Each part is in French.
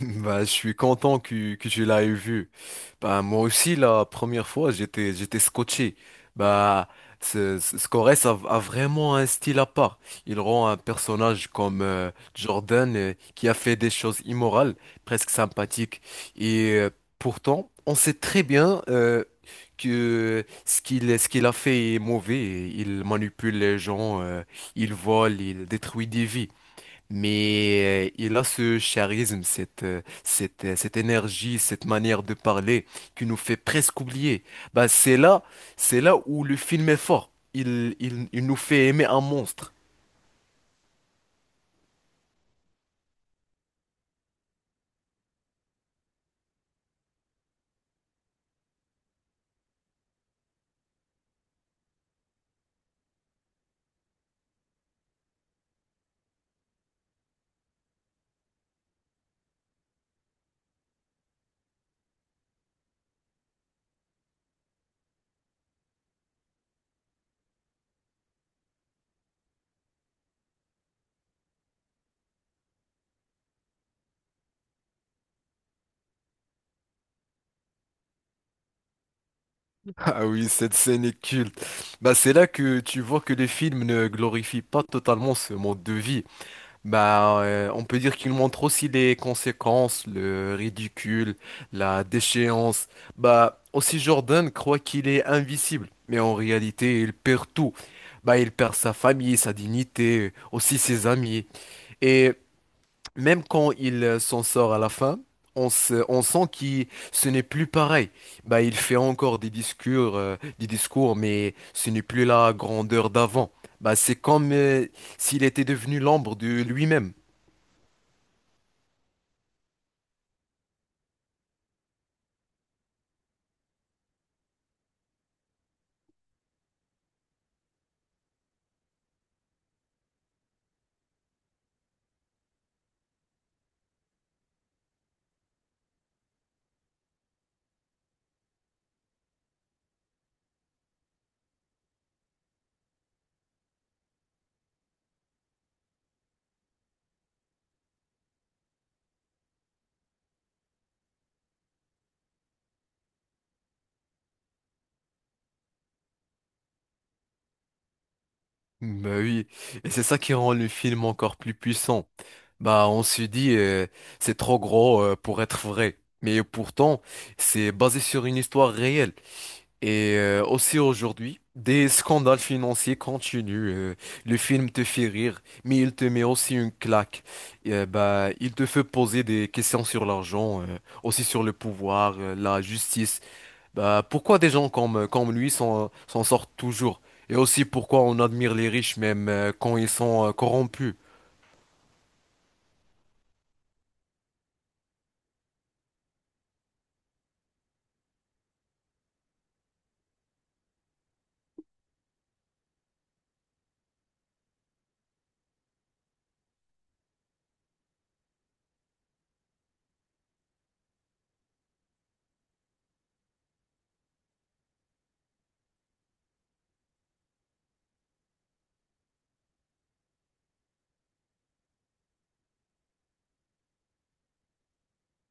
Bah, je suis content que tu l'aies vu. Bah, moi aussi, la première fois, j'étais scotché. Bah, Scores a vraiment un style à part. Il rend un personnage comme Jordan qui a fait des choses immorales, presque sympathiques. Et pourtant, on sait très bien que ce qu'il a fait est mauvais. Il manipule les gens, il vole, il détruit des vies. Mais il a ce charisme, cette énergie, cette manière de parler qui nous fait presque oublier. Bah, c'est là où le film est fort. Il nous fait aimer un monstre. Ah oui, cette scène est culte. Bah, c'est là que tu vois que le film ne glorifie pas totalement ce mode de vie. Bah, on peut dire qu'il montre aussi les conséquences, le ridicule, la déchéance. Bah, aussi Jordan croit qu'il est invisible, mais en réalité, il perd tout. Bah, il perd sa famille, sa dignité, aussi ses amis. Et même quand il s'en sort à la fin, on sent qu'il, ce n'est plus pareil. Bah, il fait encore des discours, mais ce n'est plus la grandeur d'avant. Bah, c'est comme, s'il était devenu l'ombre de lui-même. Bah oui, et c'est ça qui rend le film encore plus puissant. Bah on se dit c'est trop gros pour être vrai, mais pourtant c'est basé sur une histoire réelle. Et aussi aujourd'hui, des scandales financiers continuent. Le film te fait rire, mais il te met aussi une claque. Et, bah il te fait poser des questions sur l'argent, aussi sur le pouvoir, la justice bah, pourquoi des gens comme lui s'en sortent toujours? Et aussi pourquoi on admire les riches même quand ils sont corrompus?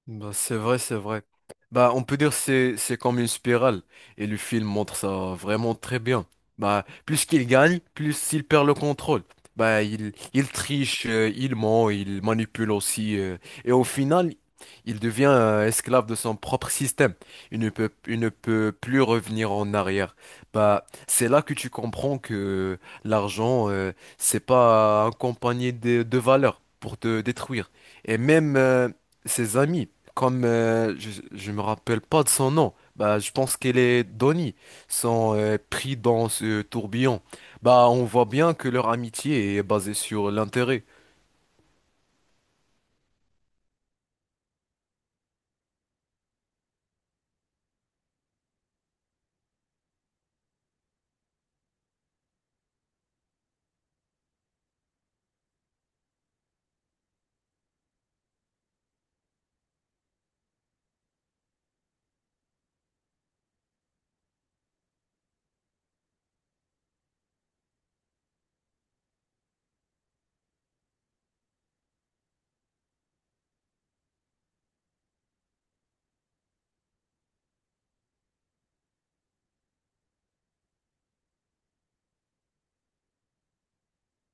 Bah, c'est vrai. Bah, on peut dire que c'est comme une spirale et le film montre ça vraiment très bien. Bah, plus qu'il gagne, plus il perd le contrôle. Bah, il triche, il ment, il manipule aussi et au final, il devient esclave de son propre système. Il ne peut plus revenir en arrière. Bah, c'est là que tu comprends que l'argent c'est pas accompagné de valeurs pour te détruire et même ses amis. Comme je me rappelle pas de son nom, bah je pense qu'elle est Donnie, sont pris dans ce tourbillon. Bah on voit bien que leur amitié est basée sur l'intérêt.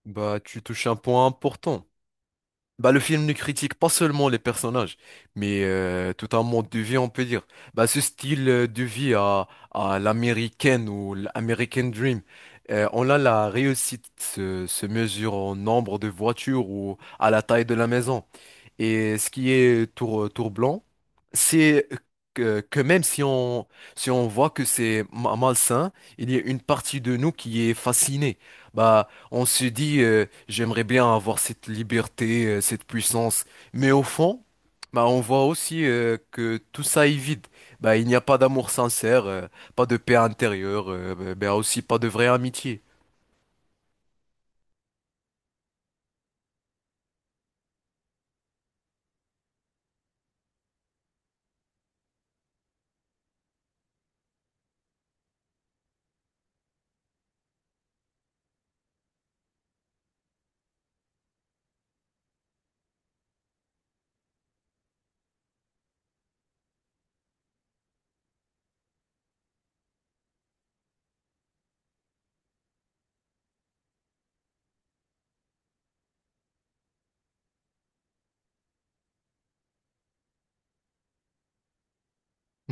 Bah tu touches un point important. Bah le film ne critique pas seulement les personnages, mais tout un mode de vie on peut dire. Bah ce style de vie à l'américaine ou l'American Dream. On a la réussite se mesure au nombre de voitures ou à la taille de la maison. Et ce qui est tour blanc, c'est que même si on, si on voit que c'est malsain, il y a une partie de nous qui est fascinée. Bah, on se dit, j'aimerais bien avoir cette liberté, cette puissance. Mais au fond, bah, on voit aussi que tout ça est vide. Bah, il n'y a pas d'amour sincère, pas de paix intérieure, bah, aussi pas de vraie amitié.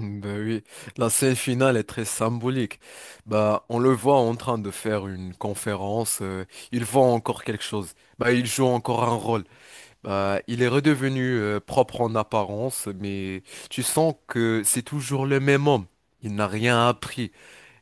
Ben oui, la scène finale est très symbolique. Bah, on le voit en train de faire une conférence. Il vend encore quelque chose. Bah, il joue encore un rôle. Bah, il est redevenu propre en apparence, mais tu sens que c'est toujours le même homme. Il n'a rien appris.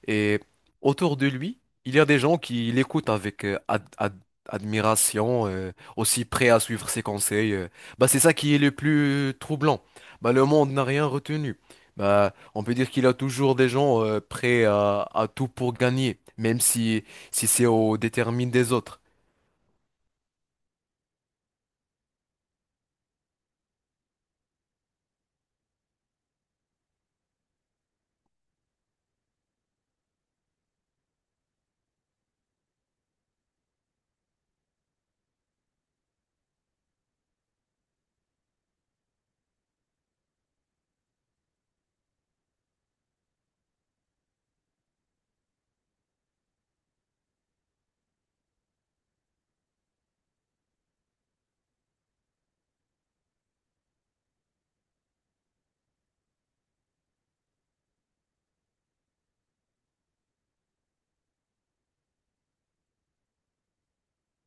Et autour de lui, il y a des gens qui l'écoutent avec admiration, aussi prêts à suivre ses conseils. Bah, c'est ça qui est le plus troublant. Bah, le monde n'a rien retenu. Bah, on peut dire qu'il a toujours des gens prêts à tout pour gagner, même si c'est au détriment des autres.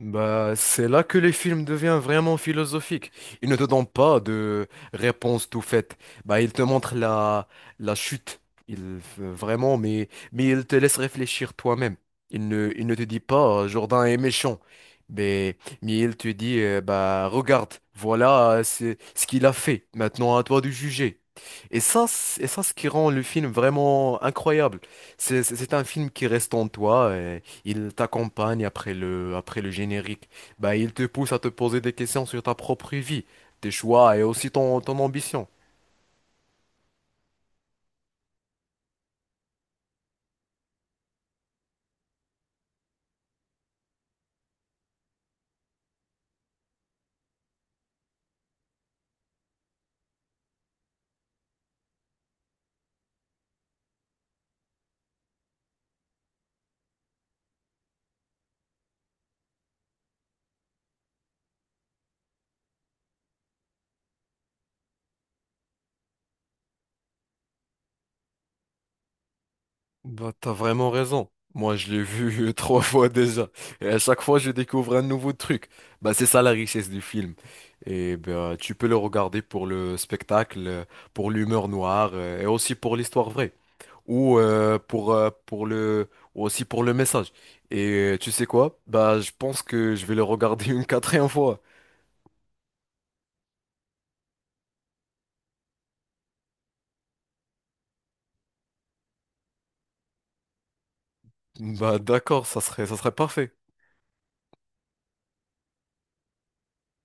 Bah, c'est là que les films deviennent vraiment philosophiques. Ils ne te donnent pas de réponse tout faite. Bah, ils te montrent la chute. Ils, euh, vraiment, mais, mais ils te laissent réfléchir toi-même. Ils ne te disent pas Jourdain est méchant. Mais ils te disent bah, regarde, voilà c'est ce qu'il a fait. Maintenant, à toi de juger. Et et ça, ce qui rend le film vraiment incroyable. C'est un film qui reste en toi. Il t'accompagne après le générique. Bah, il te pousse à te poser des questions sur ta propre vie, tes choix et aussi ton ambition. Bah, t'as vraiment raison. Moi, je l'ai vu trois fois déjà. Et à chaque fois, je découvre un nouveau truc. Bah, c'est ça la richesse du film. Et bah, tu peux le regarder pour le spectacle, pour l'humeur noire et aussi pour l'histoire vraie. Ou ou aussi pour le message. Et tu sais quoi? Bah, je pense que je vais le regarder une quatrième fois. Bah d'accord, ça serait parfait.